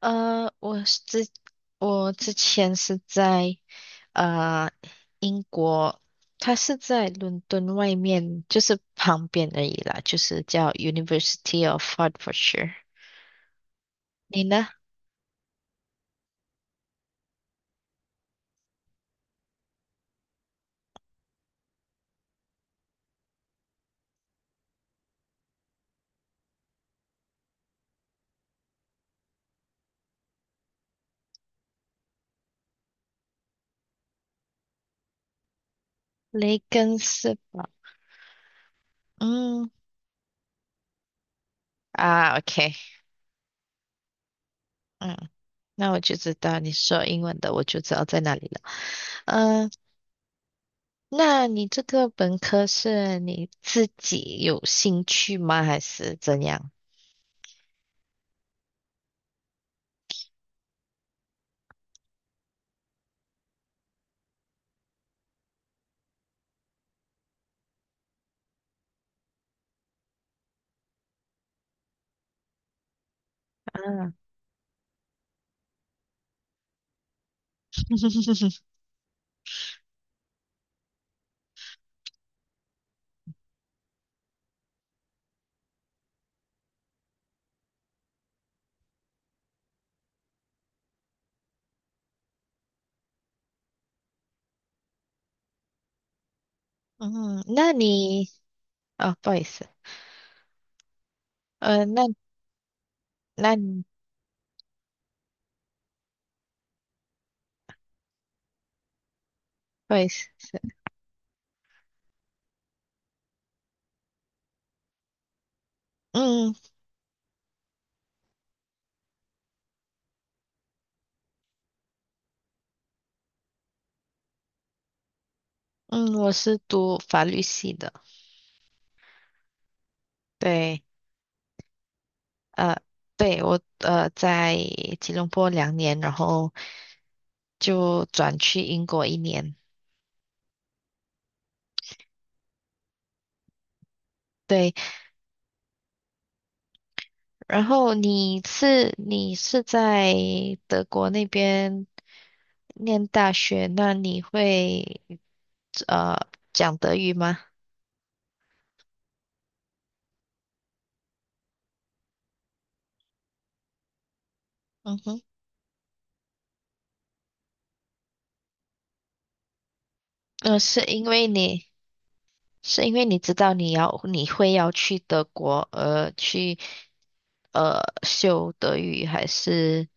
呃，我是之我之前是在呃英国。它是在伦敦外面，就是旁边而已啦，就是叫 University of Hefordshire。 你呢？雷根是吧？嗯。啊，OK。嗯，那我就知道你说英文的，我就知道在哪里了。嗯。那你这个本科是你自己有兴趣吗？还是怎样？啊。嗯，那你。啊，不好意思。呃，那那你不好意思。嗯嗯，我是读法律系的。对。呃，对我在吉隆坡2年，然后就转去英国1年。对。然后你是在德国那边念大学，那你会呃讲德语吗？嗯哼。呃，是因为你是因为你知道你会要去德国，去修德语，还是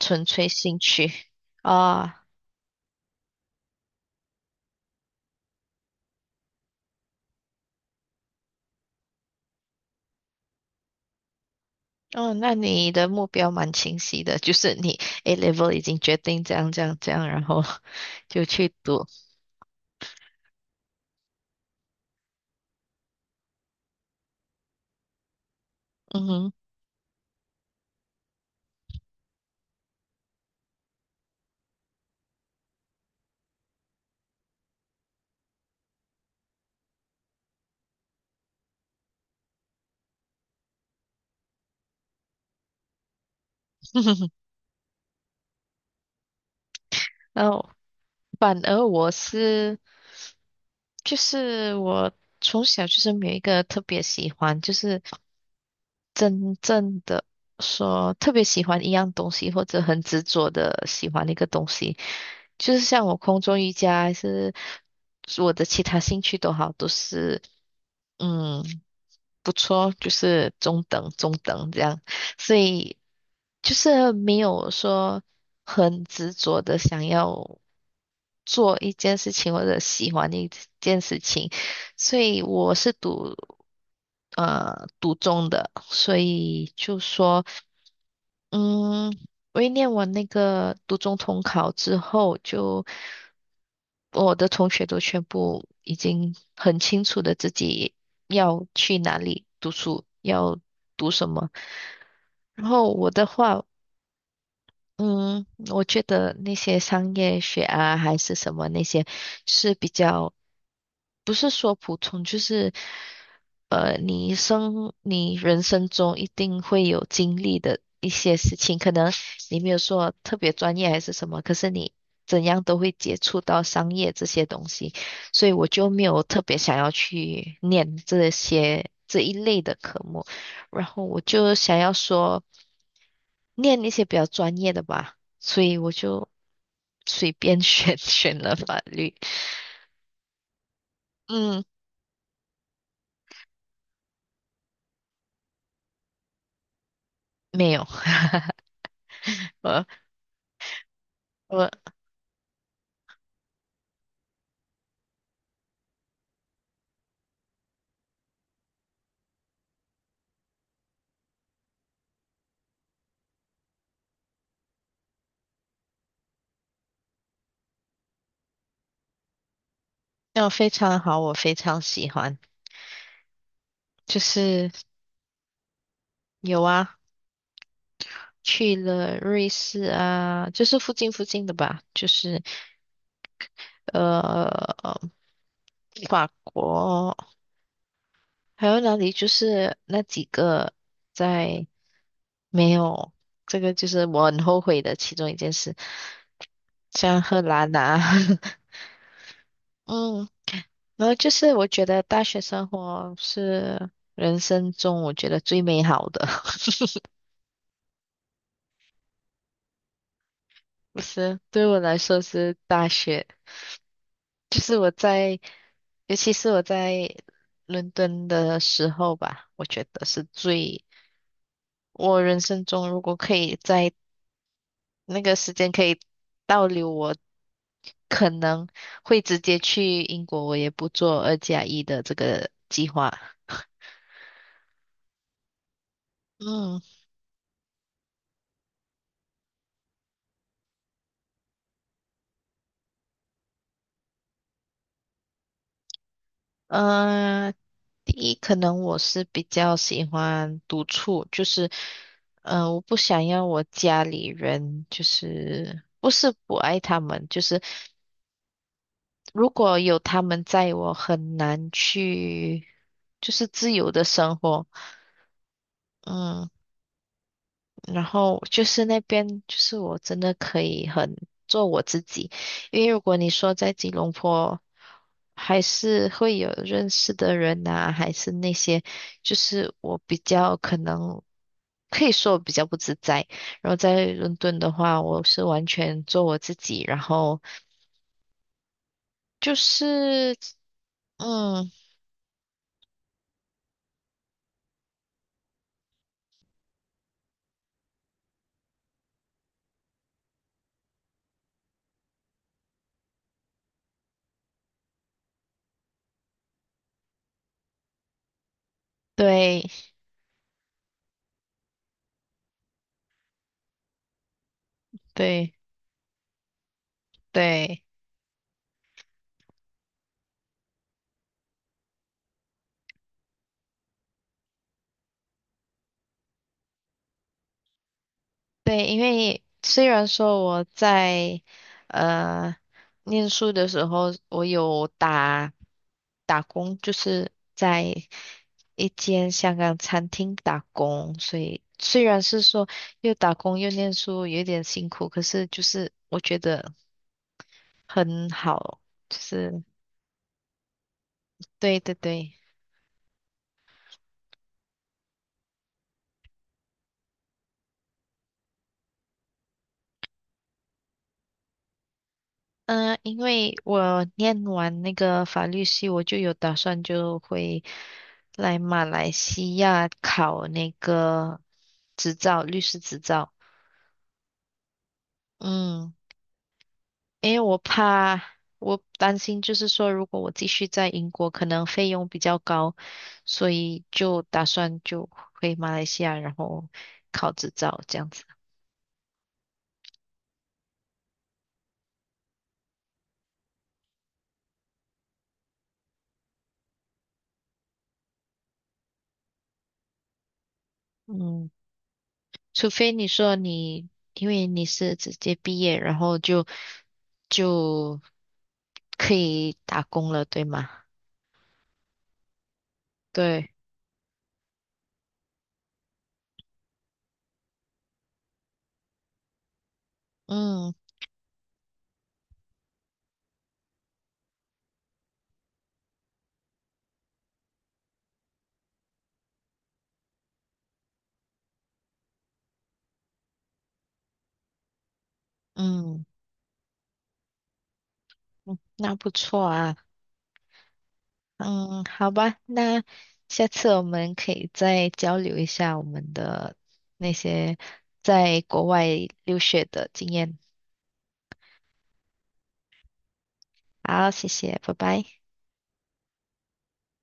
纯粹兴趣啊？哦，那你的目标蛮清晰的，就是你 A level 已经决定这样这样这样，然后 就去读。嗯哼。然后，反而我是，就是我从小就是没有一个特别喜欢，就是真正的说特别喜欢一样东西，或者很执着的喜欢一个东西，就是像我空中瑜伽还是我的其他兴趣都好，都是。嗯，不错，就是中等中等这样，所以就是没有说很执着的想要做一件事情或者喜欢一件事情，所以我是读中的，所以就说。嗯，我一念完那个读中统考之后，就我的同学都全部已经很清楚的自己要去哪里读书，要读什么。然后我的话，嗯，我觉得那些商业学啊，还是什么那些是比较，不是说普通，就是你人生中一定会有经历的，你没有说特别专业还是什么，可是你怎样都会接触到商业这些东西，所以我就没有特别想要去念这些这一类的科目，然后我就想要说念一些比较专业的吧，所以我就随便选 选了法律。嗯，没有。我我那我非常好，我非常喜欢，就是有啊。去了瑞士啊，就是附近附近的吧，就是呃法国，还有哪里？就是那几个在。没有，这个，就是我很后悔的其中一件事，像荷兰啊。嗯，然后就是我觉得大学生活是人生中我觉得最美好的。不是，对我来说是大学。就是我在，尤其是我在伦敦的时候吧，我觉得是最，我人生中如果可以在那个时间可以倒流，我可能会直接去英国，我也不做2+1的这个计划。嗯。呃，第一，可能我是比较喜欢独处，就是，我不想要我家里人，就是不是不爱他们，就是如果有他们在，我很难去，就是自由的生活。嗯。然后就是那边，就是我真的可以很做我自己。因为如果你说在吉隆坡，还是会有认识的人呐、还是那些，就是我比较可能可以说我比较不自在。然后在伦敦的话，我是完全做我自己，然后就是。嗯。对对。对对，因为虽然说我在呃念书的时候，我有打工，就是在一间香港餐厅打工，所以虽然是说又打工又念书，有点辛苦，可是就是我觉得很好，就是。对对对。嗯。因为我念完那个法律系，我就有打算就会来马来西亚考那个执照，律师执照。嗯，因为我怕，我担心就是说，如果我继续在英国，可能费用比较高，所以就打算就回马来西亚，然后考执照这样子。嗯，除非你说你，因为你是直接毕业，然后就可以打工了，对吗？对。嗯嗯嗯，那不错啊。嗯，好吧，那下次我们可以再交流一下我们的那些在国外留学的经验。好，谢谢，拜拜。